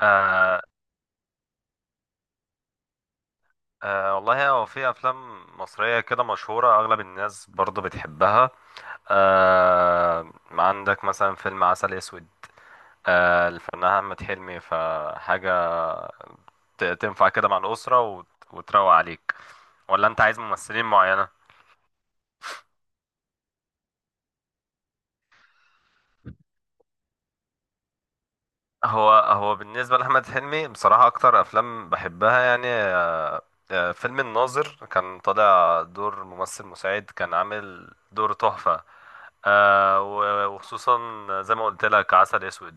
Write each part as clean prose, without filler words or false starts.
آه، آه، والله هو في افلام مصريه كده مشهوره، اغلب الناس برضو بتحبها. آه، عندك مثلا فيلم عسل اسود. آه، الفنان احمد حلمي فحاجه. تنفع كده مع الاسره وتروق عليك، ولا انت عايز ممثلين معينه؟ هو بالنسبة لأحمد حلمي، بصراحة أكتر أفلام بحبها يعني فيلم الناظر، كان طالع دور ممثل مساعد، كان عامل دور تحفة. وخصوصا زي ما قلت لك عسل أسود.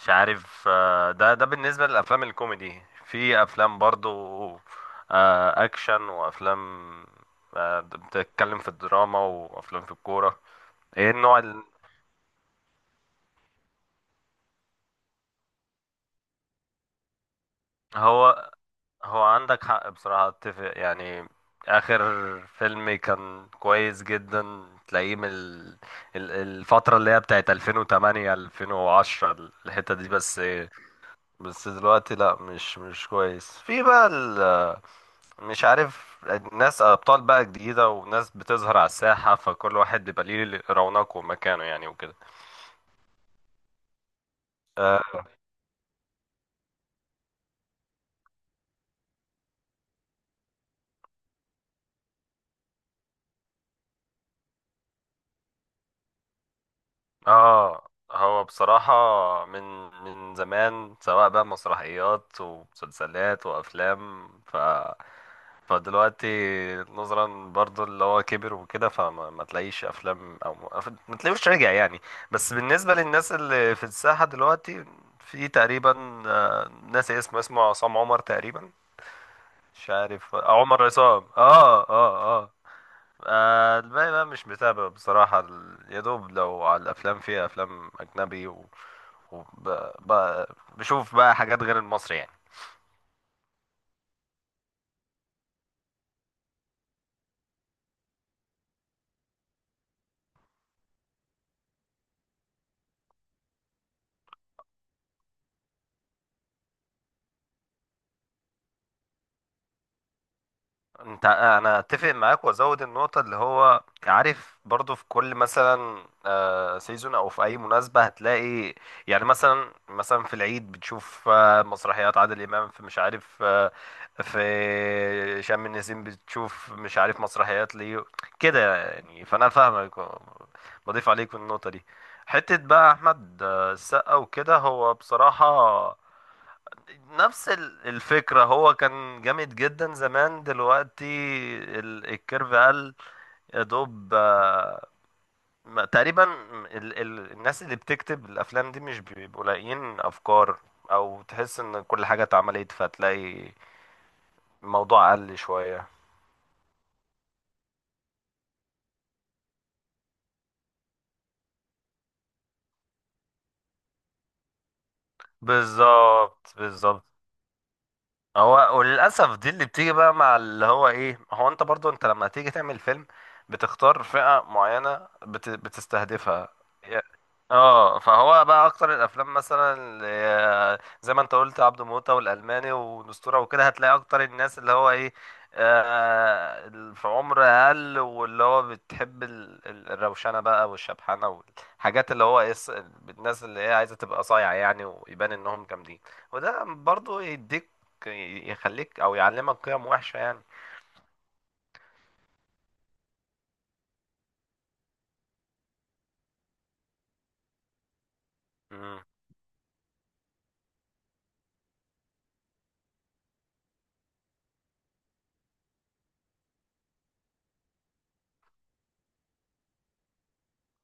مش عارف. ده بالنسبة للأفلام الكوميدي، في أفلام برضو أكشن، وأفلام بتتكلم في الدراما، وأفلام في الكورة. إيه النوع هو هو عندك حق، بصراحة اتفق يعني. آخر فيلم كان كويس جدا تلاقيه من الفترة اللي هي بتاعت 2008 2010، الحتة دي. بس إيه، بس دلوقتي لا، مش كويس، في بقى مش عارف، ناس أبطال بقى جديدة، وناس بتظهر على الساحة، فكل واحد بيبقى ليه رونقه ومكانه يعني وكده. آه، اه هو بصراحة من زمان، سواء بقى مسرحيات ومسلسلات وأفلام، فدلوقتي، نظرا برضو اللي هو كبر وكده، فما ما تلاقيش أفلام أو ما تلاقيوش رجع يعني. بس بالنسبة للناس اللي في الساحة دلوقتي، في تقريبا ناسي اسمه، عصام عمر تقريبا، مش عارف عمر عصام. اه، اه، آه. الباقي بقى مش متابع بصراحة. يا دوب لو على الأفلام، فيها أفلام أجنبي وب... ب... بشوف بقى حاجات غير المصري يعني. انا اتفق معاك وازود النقطه، اللي هو عارف، برضو في كل مثلا سيزون او في اي مناسبه هتلاقي، يعني مثلا في العيد بتشوف مسرحيات عادل امام، في مش عارف في شم النسيم بتشوف مش عارف مسرحيات ليه كده يعني. فانا فاهمك، بضيف عليك في النقطه دي. حته بقى احمد السقا وكده، هو بصراحه نفس الفكرة، هو كان جامد جدا زمان، دلوقتي الكيرف قال، يا دوب تقريبا ال ال الناس اللي بتكتب الأفلام دي مش بيبقوا لاقيين أفكار، أو تحس إن كل حاجة اتعملت، فتلاقي الموضوع قل شوية. بالظبط، بالظبط. هو وللاسف دي اللي بتيجي بقى، مع اللي هو ايه، هو انت برضو، انت لما تيجي تعمل فيلم، بتختار فئة معينة بتستهدفها. يا- اه، فهو بقى اكتر الافلام مثلا زي ما انت قلت عبده موتة والالماني والاسطوره وكده، هتلاقي اكتر الناس اللي هو ايه، في عمر اقل، واللي هو بتحب الروشنه بقى والشبحنه، والحاجات اللي هو إيه، الناس اللي هي عايزه تبقى صايعه يعني، ويبان انهم جامدين. وده برضو يديك، يخليك او يعلمك قيم وحشه يعني. مم.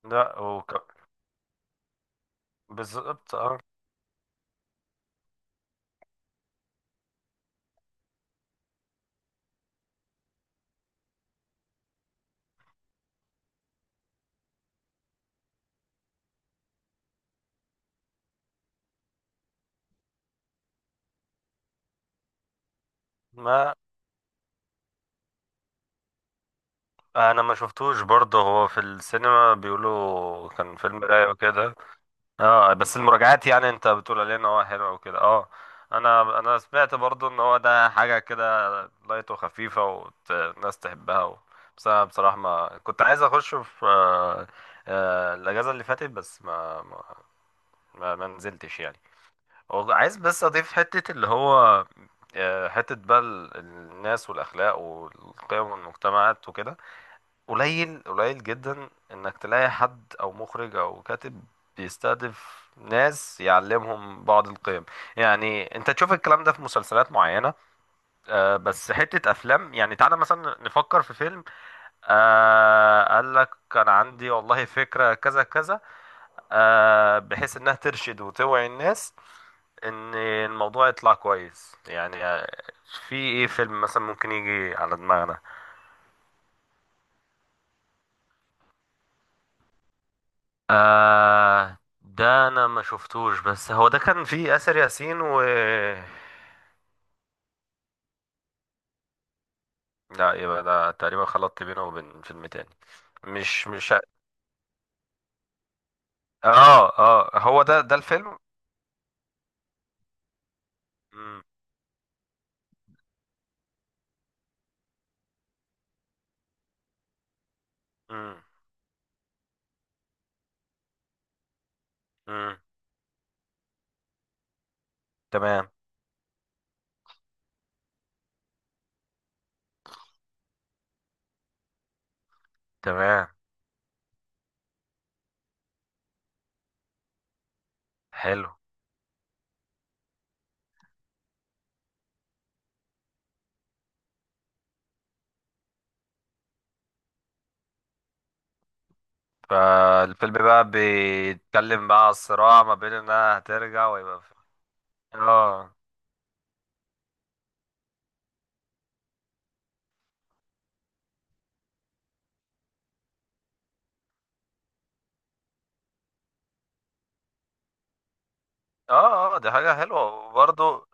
لا، بالظبط، اه. ما انا ما شفتوش برضه، هو في السينما بيقولوا كان فيلم رايق وكده. اه، بس المراجعات يعني، انت بتقول عليه ان هو حلو وكده، اه. انا سمعت برضه ان هو ده حاجه كده، لايت وخفيفه، والناس تحبها بس انا بصراحه، ما كنت عايز اخش في الاجازه اللي فاتت، بس ما نزلتش يعني. والله عايز بس اضيف حتة، اللي هو حتة بقى الناس والاخلاق والقيم والمجتمعات وكده. قليل، قليل جدا انك تلاقي حد او مخرج او كاتب بيستهدف ناس، يعلمهم بعض القيم. يعني انت تشوف الكلام ده في مسلسلات معينة، بس حتة افلام يعني، تعالى مثلا نفكر في فيلم قال لك كان عندي والله فكرة كذا كذا، بحيث انها ترشد وتوعي الناس، ان الموضوع يطلع كويس يعني. في ايه فيلم مثلا ممكن يجي على دماغنا؟ ده انا ما شفتوش، بس هو ده كان فيه آسر ياسين و لا، يبقى ده تقريبا خلطت بينه وبين فيلم تاني. مش اه، اه، هو ده الفيلم. مم. مم. مم. تمام، تمام. حلو. فالفيلم بقى بيتكلم بقى على الصراع ما بين انها هترجع، ويبقى اه، اه، اه، دي حاجة حلوة وبرضه.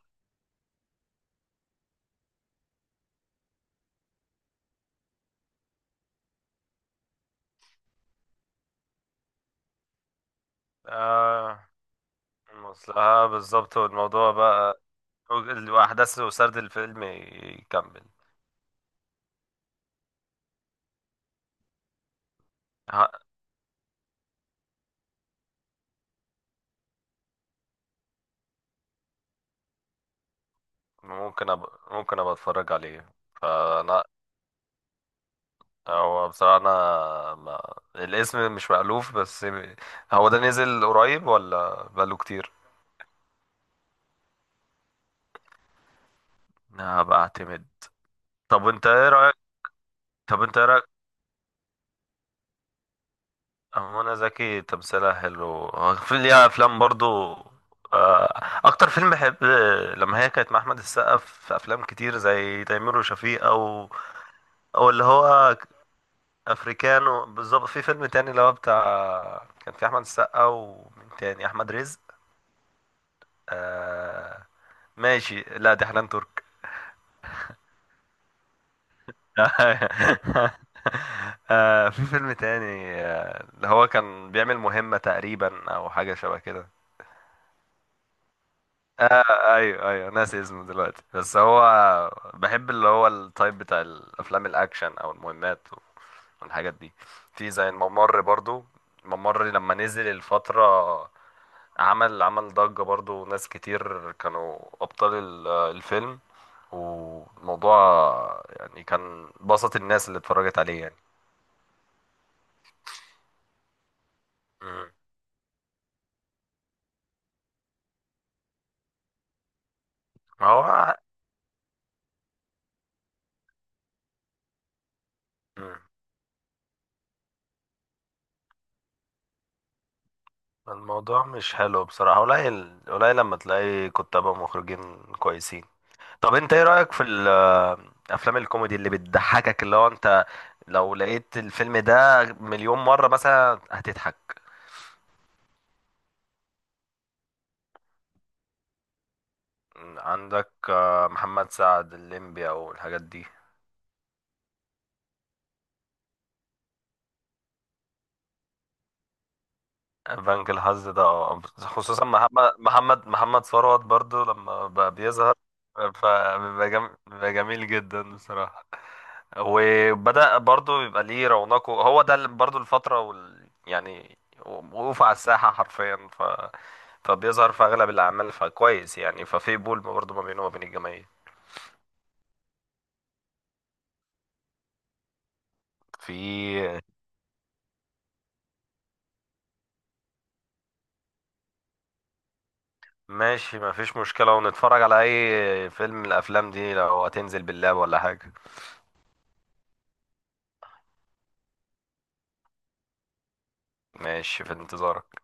اه، بالظبط، والموضوع بقى، واحداث وسرد الفيلم يكمل. ها، ممكن أب... ممكن ابقى اتفرج عليه. فانا هو بصراحة، انا ما... الاسم مش مألوف بس، هو ده نزل قريب ولا بقاله كتير؟ هبقى اعتمد. طب انت ايه رأيك؟ طب انت ايه رأيك؟ منى زكي تمثيلها حلو، في ليها افلام برضو. اكتر فيلم بحب لما هي كانت مع احمد السقا في افلام كتير، زي تيمور وشفيق، او او اللي هو افريكانو. بالظبط. في فيلم تاني اللي هو بتاع، كان في احمد السقا ومين تاني، احمد رزق؟ آه. ماشي، لا دي حنان ترك. في فيلم تاني، اللي هو كان بيعمل مهمة تقريبا او حاجة شبه كده. ايوه، ايوه، ناسي اسمه دلوقتي، بس هو بحب اللي هو التايب بتاع الافلام الاكشن او المهمات والحاجات دي. في زي الممر برضو، الممر لما نزل الفترة، عمل ضجة، برضو ناس كتير كانوا ابطال الفيلم، والموضوع يعني كان بسط الناس اللي اتفرجت عليه يعني. مم. هو. مم. الموضوع مش حلو بصراحة، قليل، قليل لما تلاقي كتاب ومخرجين كويسين. طب انت ايه رأيك في افلام الكوميدي اللي بتضحكك، اللي هو انت لو لقيت الفيلم ده مليون مرة مثلا هتضحك؟ عندك محمد سعد، الليمبي او الحاجات دي. بنك الحظ ده، اه، خصوصا محمد ثروت برضو لما بقى بيظهر، بيبقى جميل جدا بصراحة. وبدأ برضو يبقى ليه رونقه، هو ده اللي برضو الفترة يعني وقوف على الساحة حرفيا، فبيظهر في اغلب الاعمال، فكويس يعني، ففي بول برضه ما بينه وما بين الجماهير. في ماشي، ما فيش مشكلة، ونتفرج على اي فيلم من الافلام دي لو هتنزل باللاب ولا حاجة. ماشي، في انتظارك.